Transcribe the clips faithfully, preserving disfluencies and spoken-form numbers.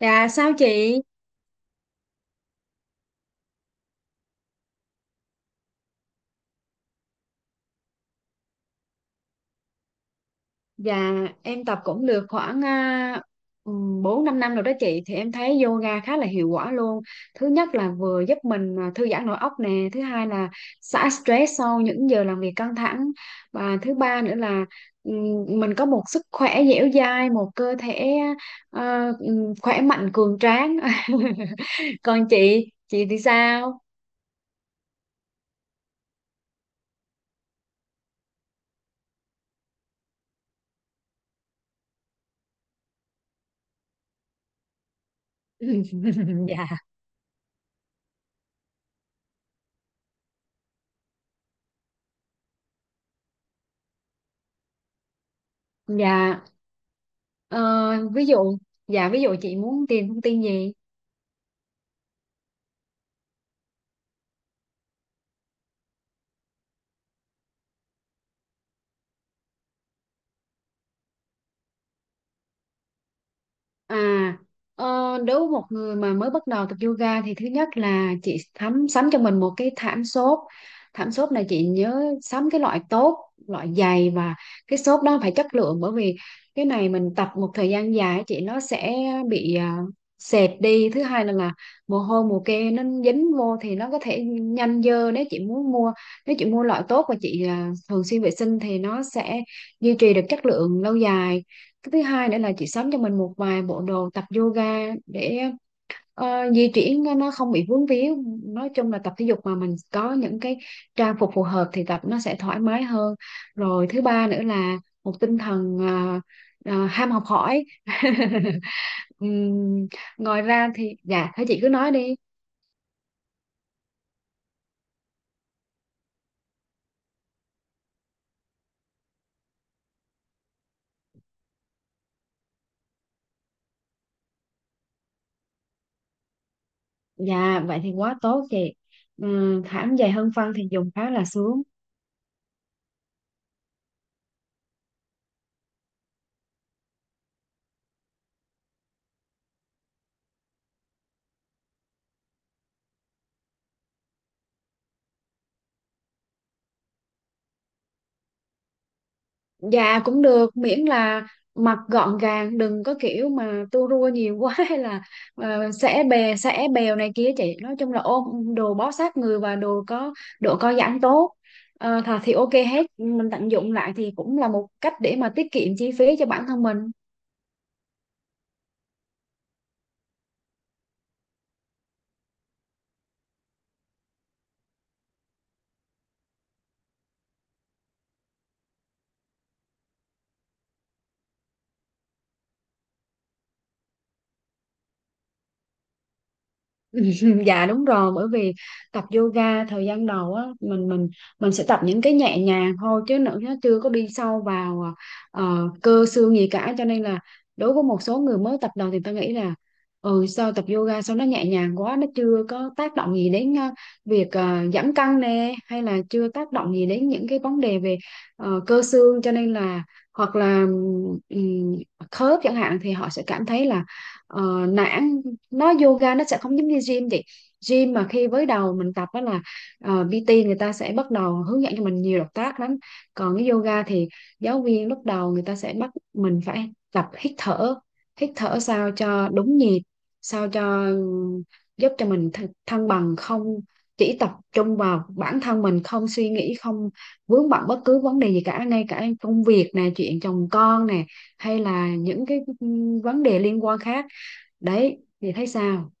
Dạ sao chị? Dạ em tập cũng được khoảng à, ừm, bốn năm rồi đó chị. Thì em thấy yoga khá là hiệu quả luôn. Thứ nhất là vừa giúp mình à, thư giãn nội óc nè. Thứ hai là xả stress sau những giờ làm việc căng thẳng. Và thứ ba nữa là ừm, mình có một sức khỏe dẻo dai. Một cơ thể à, ừm, khỏe mạnh cường tráng. Còn chị, chị thì sao? Dạ. Ờ, Ví dụ, dạ ví dụ chị muốn tìm thông tin gì? À, ờ, Đối với một người mà mới bắt đầu tập yoga thì thứ nhất là chị thắm sắm cho mình một cái thảm xốp. Thảm xốp này chị nhớ sắm cái loại tốt, loại dày, và cái xốp đó phải chất lượng, bởi vì cái này mình tập một thời gian dài chị nó sẽ bị à, sệt đi. Thứ hai là là mồ hôi mồ kê nó dính vô thì nó có thể nhanh dơ. Nếu chị muốn mua nếu chị mua loại tốt và chị à, thường xuyên vệ sinh thì nó sẽ duy trì được chất lượng lâu dài. Cái thứ hai nữa là chị sắm cho mình một vài bộ đồ tập yoga để ờ, di chuyển nó nó không bị vướng víu. Nói chung là tập thể dục mà mình có những cái trang phục phù hợp thì tập nó sẽ thoải mái hơn. Rồi thứ ba nữa là một tinh thần ờ, ờ, ham học hỏi. Ừm, Ngoài ra thì dạ thế chị cứ nói đi. Dạ vậy thì quá tốt chị. Ừm, thảm dày hơn phân thì dùng khá là sướng. Dạ cũng được, miễn là mặc gọn gàng đừng có kiểu mà tua rua nhiều quá, hay là uh, xẻ bè xẻ bèo này kia chị, nói chung là ôm đồ bó sát người và đồ có độ co giãn tốt. Uh, thì ok hết, mình tận dụng lại thì cũng là một cách để mà tiết kiệm chi phí cho bản thân mình. Dạ đúng rồi, bởi vì tập yoga thời gian đầu á mình mình mình sẽ tập những cái nhẹ nhàng thôi, chứ nữa nó chưa có đi sâu vào ờ, cơ xương gì cả. Cho nên là đối với một số người mới tập đầu thì ta nghĩ là, ừ sao tập yoga sao nó nhẹ nhàng quá, nó chưa có tác động gì đến ờ, việc ờ, giảm cân nè, hay là chưa tác động gì đến những cái vấn đề về ờ, cơ xương. Cho nên là, hoặc là ừm, khớp chẳng hạn, thì họ sẽ cảm thấy là uh, nản. Nó yoga nó sẽ không giống như gym vậy. Gym mà khi với đầu mình tập đó là ờ, pê tê người ta sẽ bắt đầu hướng dẫn cho mình nhiều động tác lắm. Còn cái yoga thì giáo viên lúc đầu người ta sẽ bắt mình phải tập hít thở, hít thở sao cho đúng nhịp, sao cho ừm, giúp cho mình th thăng bằng, không chỉ tập trung vào bản thân mình, không suy nghĩ, không vướng bận bất cứ vấn đề gì cả, ngay cả công việc nè, chuyện chồng con nè, hay là những cái ừm, vấn đề liên quan khác. Đấy thì thấy sao?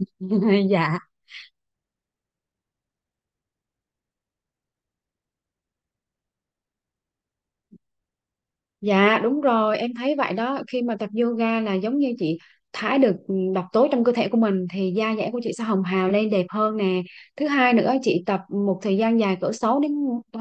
Dạ. Dạ đúng rồi, em thấy vậy đó. Khi mà tập yoga là giống như chị thải được ừ, độc tố trong cơ thể của mình thì da dẻ của chị sẽ hồng hào lên đẹp hơn nè. Thứ hai nữa chị tập một thời gian dài cỡ sáu đến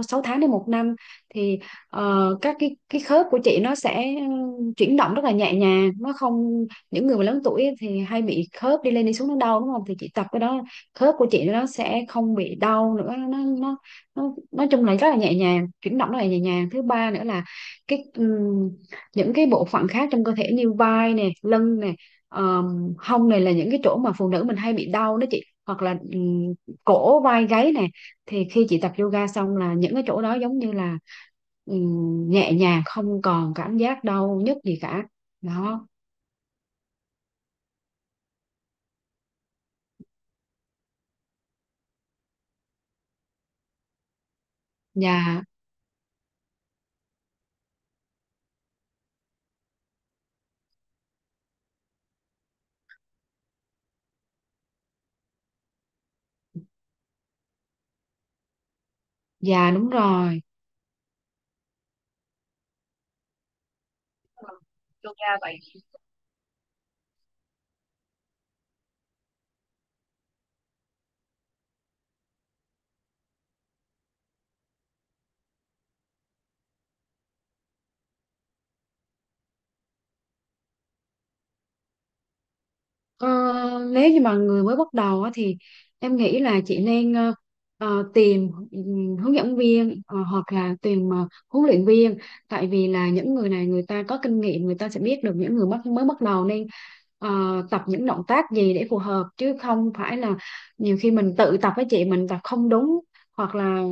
sáu tháng đến một năm, thì ờ, các cái cái khớp của chị nó sẽ ừ, chuyển động rất là nhẹ nhàng. Nó không Những người mà lớn tuổi thì hay bị khớp đi lên đi xuống nó đau đúng không? Thì chị tập cái đó khớp của chị nó sẽ không bị đau nữa, nó nó nó nói chung là rất là nhẹ nhàng, chuyển động rất là nhẹ nhàng. Thứ ba nữa là cái ừm, những cái bộ phận khác trong cơ thể như vai nè, lưng nè, ờm, hông này là những cái chỗ mà phụ nữ mình hay bị đau đó chị, hoặc là ừm, cổ vai gáy nè. Thì khi chị tập yoga xong là những cái chỗ đó giống như là ừm, nhẹ nhàng, không còn cảm giác đau nhức gì cả. Đó. Dạ. Dạ đúng rồi. Yoga vậy Ờ, Nếu như mà người mới bắt đầu á, thì em nghĩ là chị nên ờ, ờ, tìm ừm, hướng dẫn viên, ờ, hoặc là tìm ờ, huấn luyện viên. Tại vì là những người này người ta có kinh nghiệm, người ta sẽ biết được những người bắt mới bắt đầu nên ờ, tập những động tác gì để phù hợp, chứ không phải là nhiều khi mình tự tập với chị mình tập không đúng, hoặc là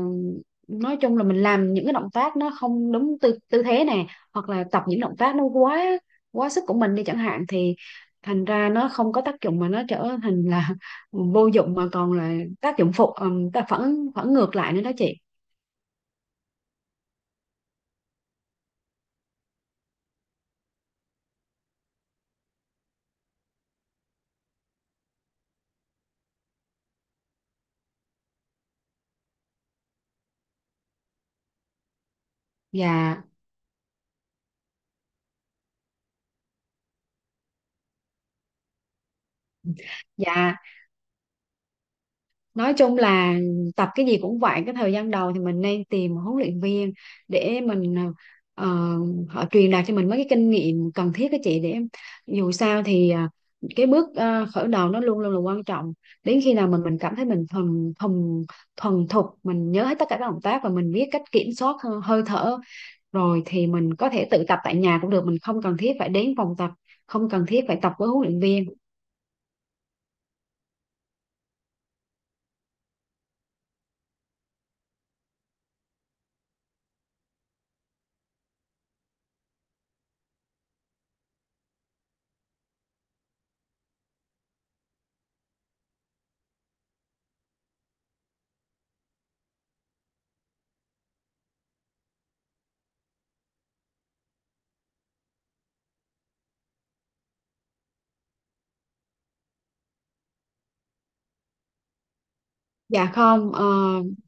nói chung là mình làm những cái động tác nó không đúng tư tư thế nè, hoặc là tập những động tác nó quá quá sức của mình đi chẳng hạn, thì thành ra nó không có tác dụng mà nó trở thành là vô dụng, mà còn là tác dụng phụ, ừm, ta phản phản ngược lại nữa đó chị. Dạ. Dạ nói chung là tập cái gì cũng vậy, cái thời gian đầu thì mình nên tìm một huấn luyện viên để mình ờ, họ truyền đạt cho mình mấy cái kinh nghiệm cần thiết đó chị, để dù sao thì à, cái bước à, khởi đầu nó luôn luôn là quan trọng. Đến khi nào mình mình cảm thấy mình thuần thuần thuần thục, mình nhớ hết tất cả các động tác và mình biết cách kiểm soát ờ, hơi thở rồi, thì mình có thể tự tập tại nhà cũng được, mình không cần thiết phải đến phòng tập, không cần thiết phải tập với huấn luyện viên. Dạ không, ờ,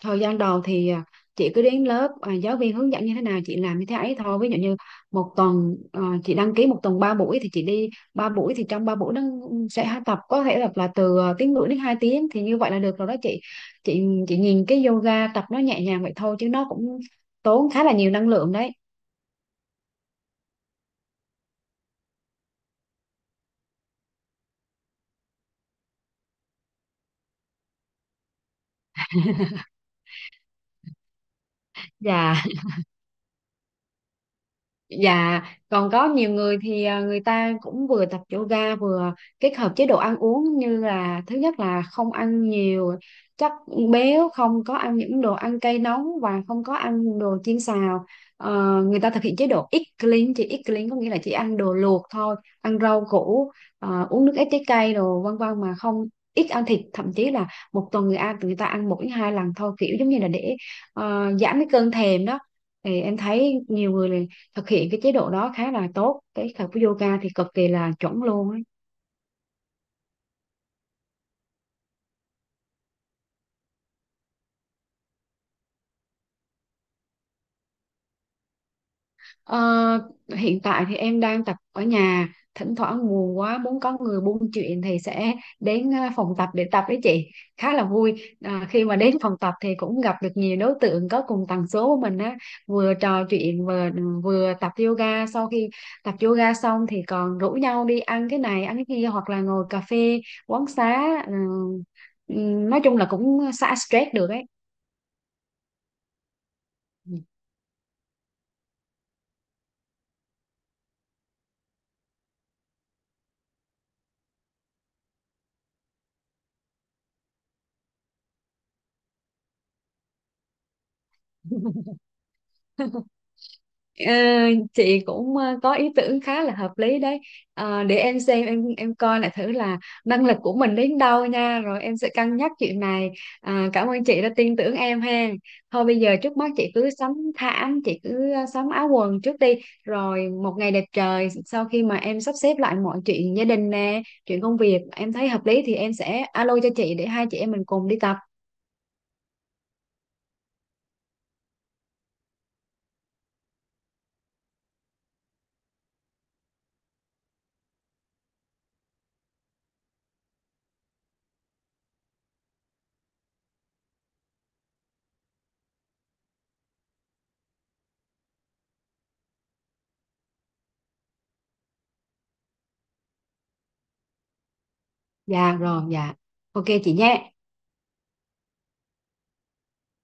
thời gian đầu thì à, chị cứ đến lớp, à, giáo viên hướng dẫn như thế nào chị làm như thế ấy thôi. Ví dụ như một tuần ờ, chị đăng ký một tuần ba buổi thì chị đi ba buổi, thì trong ba buổi nó sẽ tập, có thể tập là từ ờ, tiếng rưỡi đến hai tiếng, thì như vậy là được rồi đó chị. Chị chị nhìn cái yoga tập nó nhẹ nhàng vậy thôi chứ nó cũng tốn khá là nhiều năng lượng đấy. Dạ. Dạ, còn có nhiều người thì à, người ta cũng vừa tập yoga vừa kết hợp chế độ ăn uống như là thứ nhất là không ăn nhiều chất béo, không có ăn những đồ ăn cay nóng và không có ăn đồ chiên xào. Ờ, người ta thực hiện chế độ eat clean, chỉ eat clean có nghĩa là chỉ ăn đồ luộc thôi, ăn rau củ, ờ, uống nước ép trái cây đồ vân vân, mà không ít ăn thịt, thậm chí là một tuần người ăn người ta ăn một đến hai lần thôi, kiểu giống như là để ờ, giảm cái cơn thèm đó. Thì em thấy nhiều người thực hiện cái chế độ đó khá là tốt, cái tập yoga thì cực kỳ là chuẩn luôn ấy. Ờ, Hiện tại thì em đang tập ở nhà, thỉnh thoảng buồn quá muốn có người buôn chuyện thì sẽ đến ờ, phòng tập để tập với chị. Khá là vui à, khi mà đến phòng tập thì cũng gặp được nhiều đối tượng có cùng tần số của mình á, vừa trò chuyện vừa ừ, vừa tập yoga. Sau khi tập yoga xong thì còn rủ nhau đi ăn cái này ăn cái kia, hoặc là ngồi cà phê quán xá, ừ, ừ, nói chung là cũng ờ, xả stress được ấy. Ờ, chị cũng ờ, có ý tưởng khá là hợp lý đấy. Ờ, để em xem, em em coi lại thử là năng lực của mình đến đâu nha, rồi em sẽ cân nhắc chuyện này. À, cảm ơn chị đã tin tưởng em ha. Thôi bây giờ trước mắt chị cứ sắm thảm, chị cứ ờ, sắm áo quần trước đi, rồi một ngày đẹp trời sau khi mà em sắp xếp lại mọi chuyện gia đình nè, chuyện công việc em thấy hợp lý thì em sẽ alo cho chị để hai chị em mình cùng đi tập. Dạ rồi. Dạ ok chị nhé.